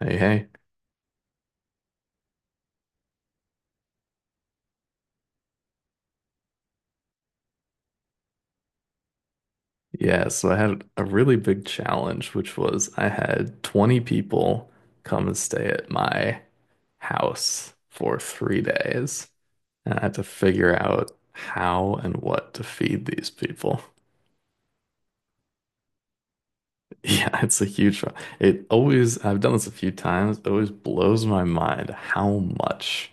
Hey, hey. Yeah, so I had a really big challenge, which was I had 20 people come and stay at my house for 3 days. And I had to figure out how and what to feed these people. Yeah, it's a huge one. It always, I've done this a few times, it always blows my mind how much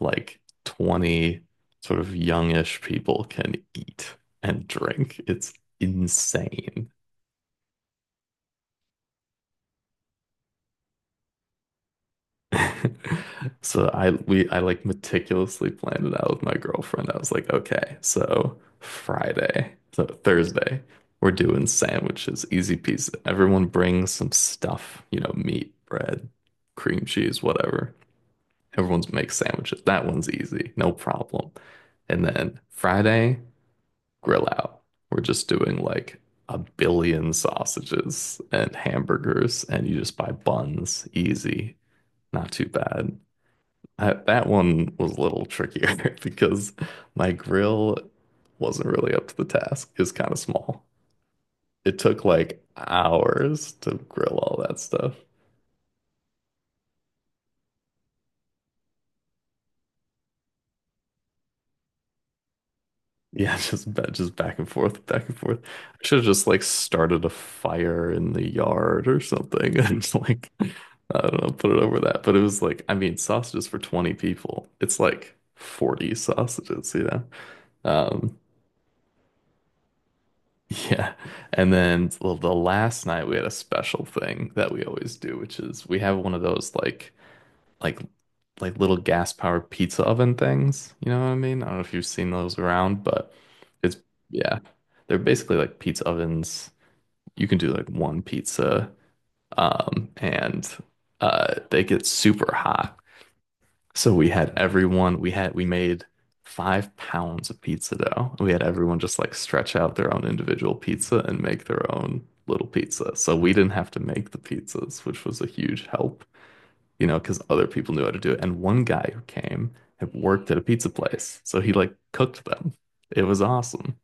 like 20 sort of youngish people can eat and drink. It's insane. So I like meticulously planned it out with my girlfriend. I was like, okay, so Thursday, we're doing sandwiches, easy peasy. Everyone brings some stuff, you know, meat, bread, cream cheese, whatever. Everyone's makes sandwiches. That one's easy, no problem. And then Friday, grill out. We're just doing like a billion sausages and hamburgers, and you just buy buns, easy, not too bad. I, that one was a little trickier because my grill wasn't really up to the task. It was kind of small. It took like hours to grill all that stuff. Yeah, just back and forth, back and forth. I should have just like started a fire in the yard or something and just like I don't know, put it over that. But it was like, I mean, sausages for 20 people. It's like 40 sausages, you know? Um, Yeah. And then the last night we had a special thing that we always do, which is we have one of those like like little gas powered pizza oven things. You know what I mean? I don't know if you've seen those around, but it's yeah. They're basically like pizza ovens. You can do like one pizza, and they get super hot. So we had everyone, we had, we made 5 pounds of pizza dough. We had everyone just like stretch out their own individual pizza and make their own little pizza. So we didn't have to make the pizzas, which was a huge help, you know, because other people knew how to do it. And one guy who came had worked at a pizza place. So he like cooked them. It was awesome.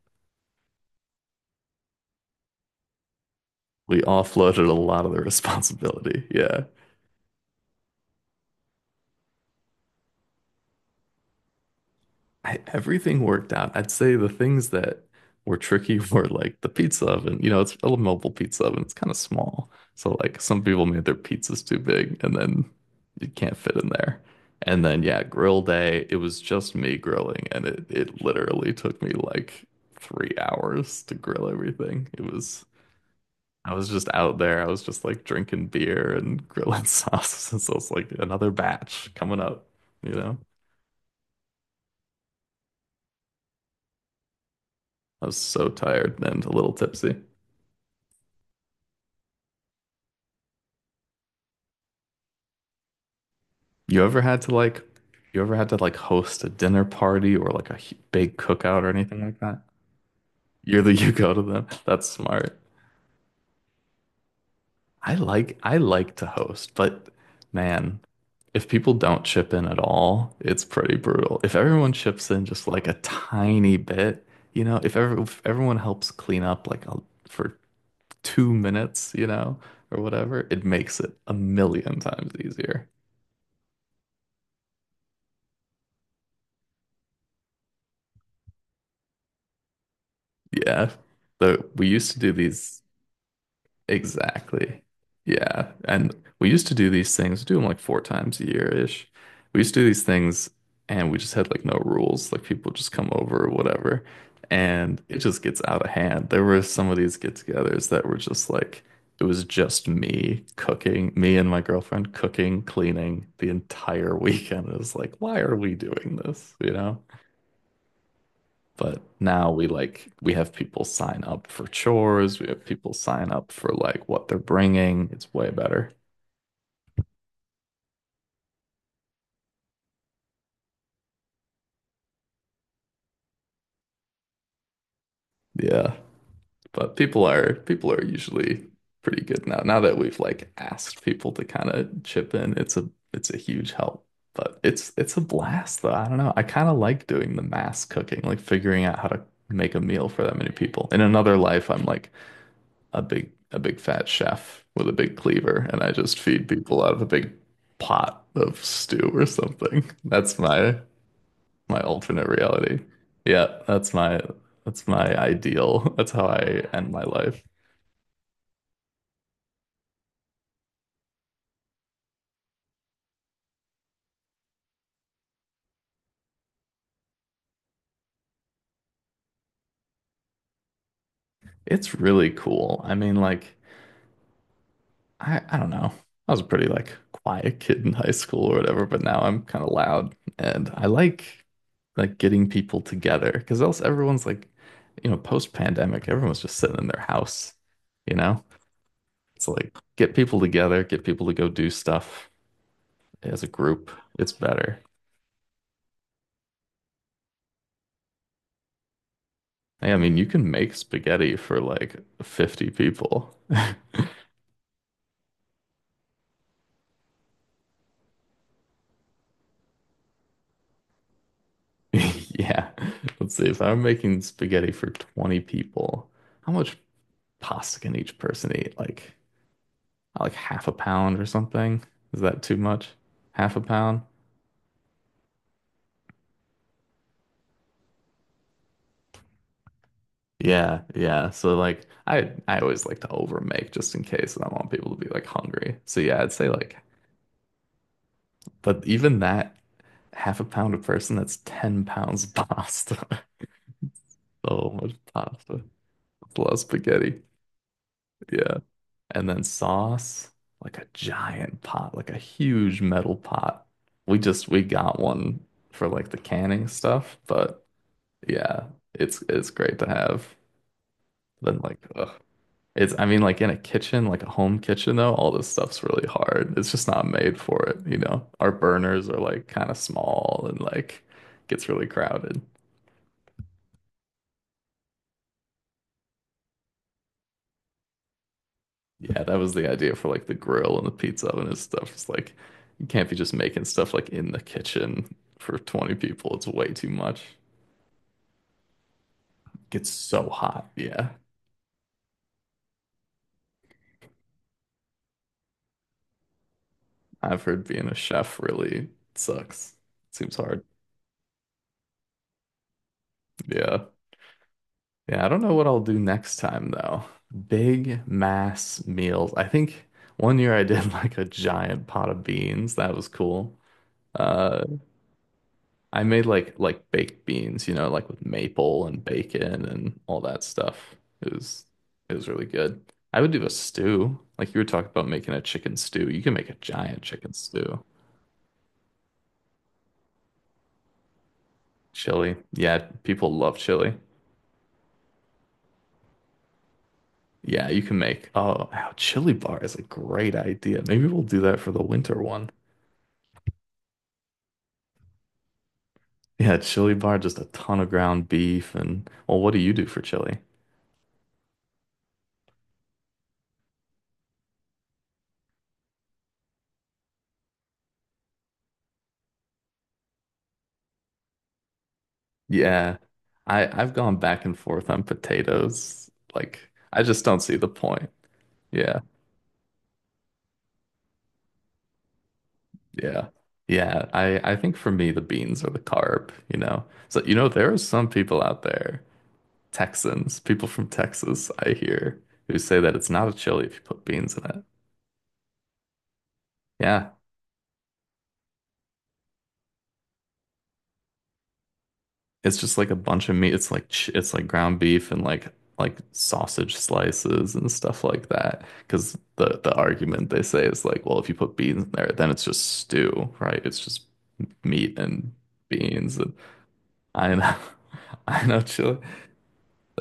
We offloaded a lot of the responsibility. Yeah. Everything worked out. I'd say the things that were tricky were like the pizza oven. You know, it's a mobile pizza oven. It's kind of small. So like some people made their pizzas too big and then you can't fit in there. And then yeah, grill day, it was just me grilling and it literally took me like 3 hours to grill everything. It was I was just out there. I was just like drinking beer and grilling sauces. And so it's like another batch coming up, you know. I was so tired and a little tipsy. You ever had to like, you ever had to like host a dinner party or like a big cookout or anything like that? You're the, you go to them. That's smart. I like to host, but man, if people don't chip in at all, it's pretty brutal. If everyone chips in just like a tiny bit, you know, if everyone helps clean up like a, for 2 minutes, you know, or whatever, it makes it a million times easier. Yeah. So we used to do these. Exactly. Yeah. And we used to do these things, do them like four times a year-ish. We used to do these things and we just had like no rules. Like people just come over or whatever. And it just gets out of hand. There were some of these get-togethers that were just like, it was just me cooking, me and my girlfriend cooking, cleaning the entire weekend. It was like, why are we doing this? You know? But now we like we have people sign up for chores. We have people sign up for like what they're bringing. It's way better. Yeah. But people are usually pretty good now. Now that we've like asked people to kind of chip in, it's a huge help. But it's a blast though. I don't know. I kind of like doing the mass cooking, like figuring out how to make a meal for that many people. In another life, I'm like a big fat chef with a big cleaver, and I just feed people out of a big pot of stew or something. That's my alternate reality. Yeah, that's my ideal. That's how I end my life. It's really cool. I mean, like I don't know. I was a pretty like quiet kid in high school or whatever, but now I'm kind of loud and I like getting people together because else everyone's like, you know, post-pandemic, everyone's just sitting in their house, you know? It's like get people together, get people to go do stuff as a group. It's better. Hey, I mean, you can make spaghetti for like 50 people. Yeah. Let's see. If I'm making spaghetti for 20 people, how much pasta can each person eat? Like half a pound or something? Is that too much? Half a pound? Yeah, yeah. So like I always like to overmake just in case and I want people to be like hungry. So yeah, I'd say like but even that half a pound a person, that's 10 pounds of pasta. So much pasta. It's a lot of spaghetti. Yeah. And then sauce, like a giant pot, like a huge metal pot. We got one for like the canning stuff, but yeah, it's great to have. Then like ugh. It's I mean like in a kitchen, like a home kitchen though, all this stuff's really hard. It's just not made for it, you know. Our burners are like kind of small and like gets really crowded. Yeah, that was the idea for like the grill and the pizza oven and stuff. It's like you can't be just making stuff like in the kitchen for 20 people. It's way too much. Gets so hot. Yeah. I've heard being a chef really sucks. Seems hard. Yeah. Yeah, I don't know what I'll do next time though. Big mass meals. I think 1 year I did like a giant pot of beans. That was cool. Uh, I made like baked beans, you know, like with maple and bacon and all that stuff. It was it was really good. I would do a stew. Like you were talking about making a chicken stew. You can make a giant chicken stew. Chili. Yeah, people love chili. Yeah, you can make oh, wow, chili bar is a great idea. Maybe we'll do that for the winter one. Yeah, chili bar, just a ton of ground beef and well, what do you do for chili? Yeah. I've gone back and forth on potatoes. Like I just don't see the point. Yeah, yeah, yeah. I think for me the beans are the carb, you know. So you know there are some people out there, Texans, people from Texas, I hear, who say that it's not a chili if you put beans in it. Yeah, it's just like a bunch of meat. It's like ground beef and like sausage slices and stuff like that. Because the argument they say is like, well, if you put beans in there, then it's just stew, right? It's just meat and beans and I know. I know chili.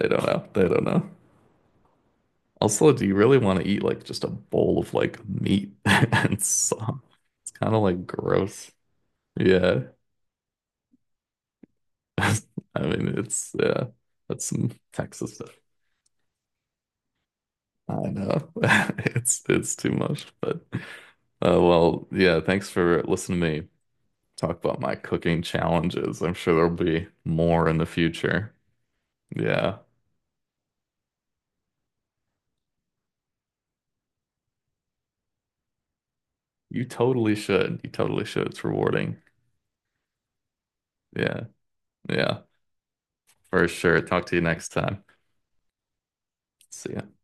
They don't know. They don't know. Also, do you really want to eat like just a bowl of like meat and some? It's kind of like gross. Yeah. I mean, it's yeah, that's some Texas stuff. I know. It's too much, but well, yeah, thanks for listening to me talk about my cooking challenges. I'm sure there'll be more in the future. Yeah. You totally should. You totally should. It's rewarding. Yeah. Yeah. For sure. Talk to you next time. See ya.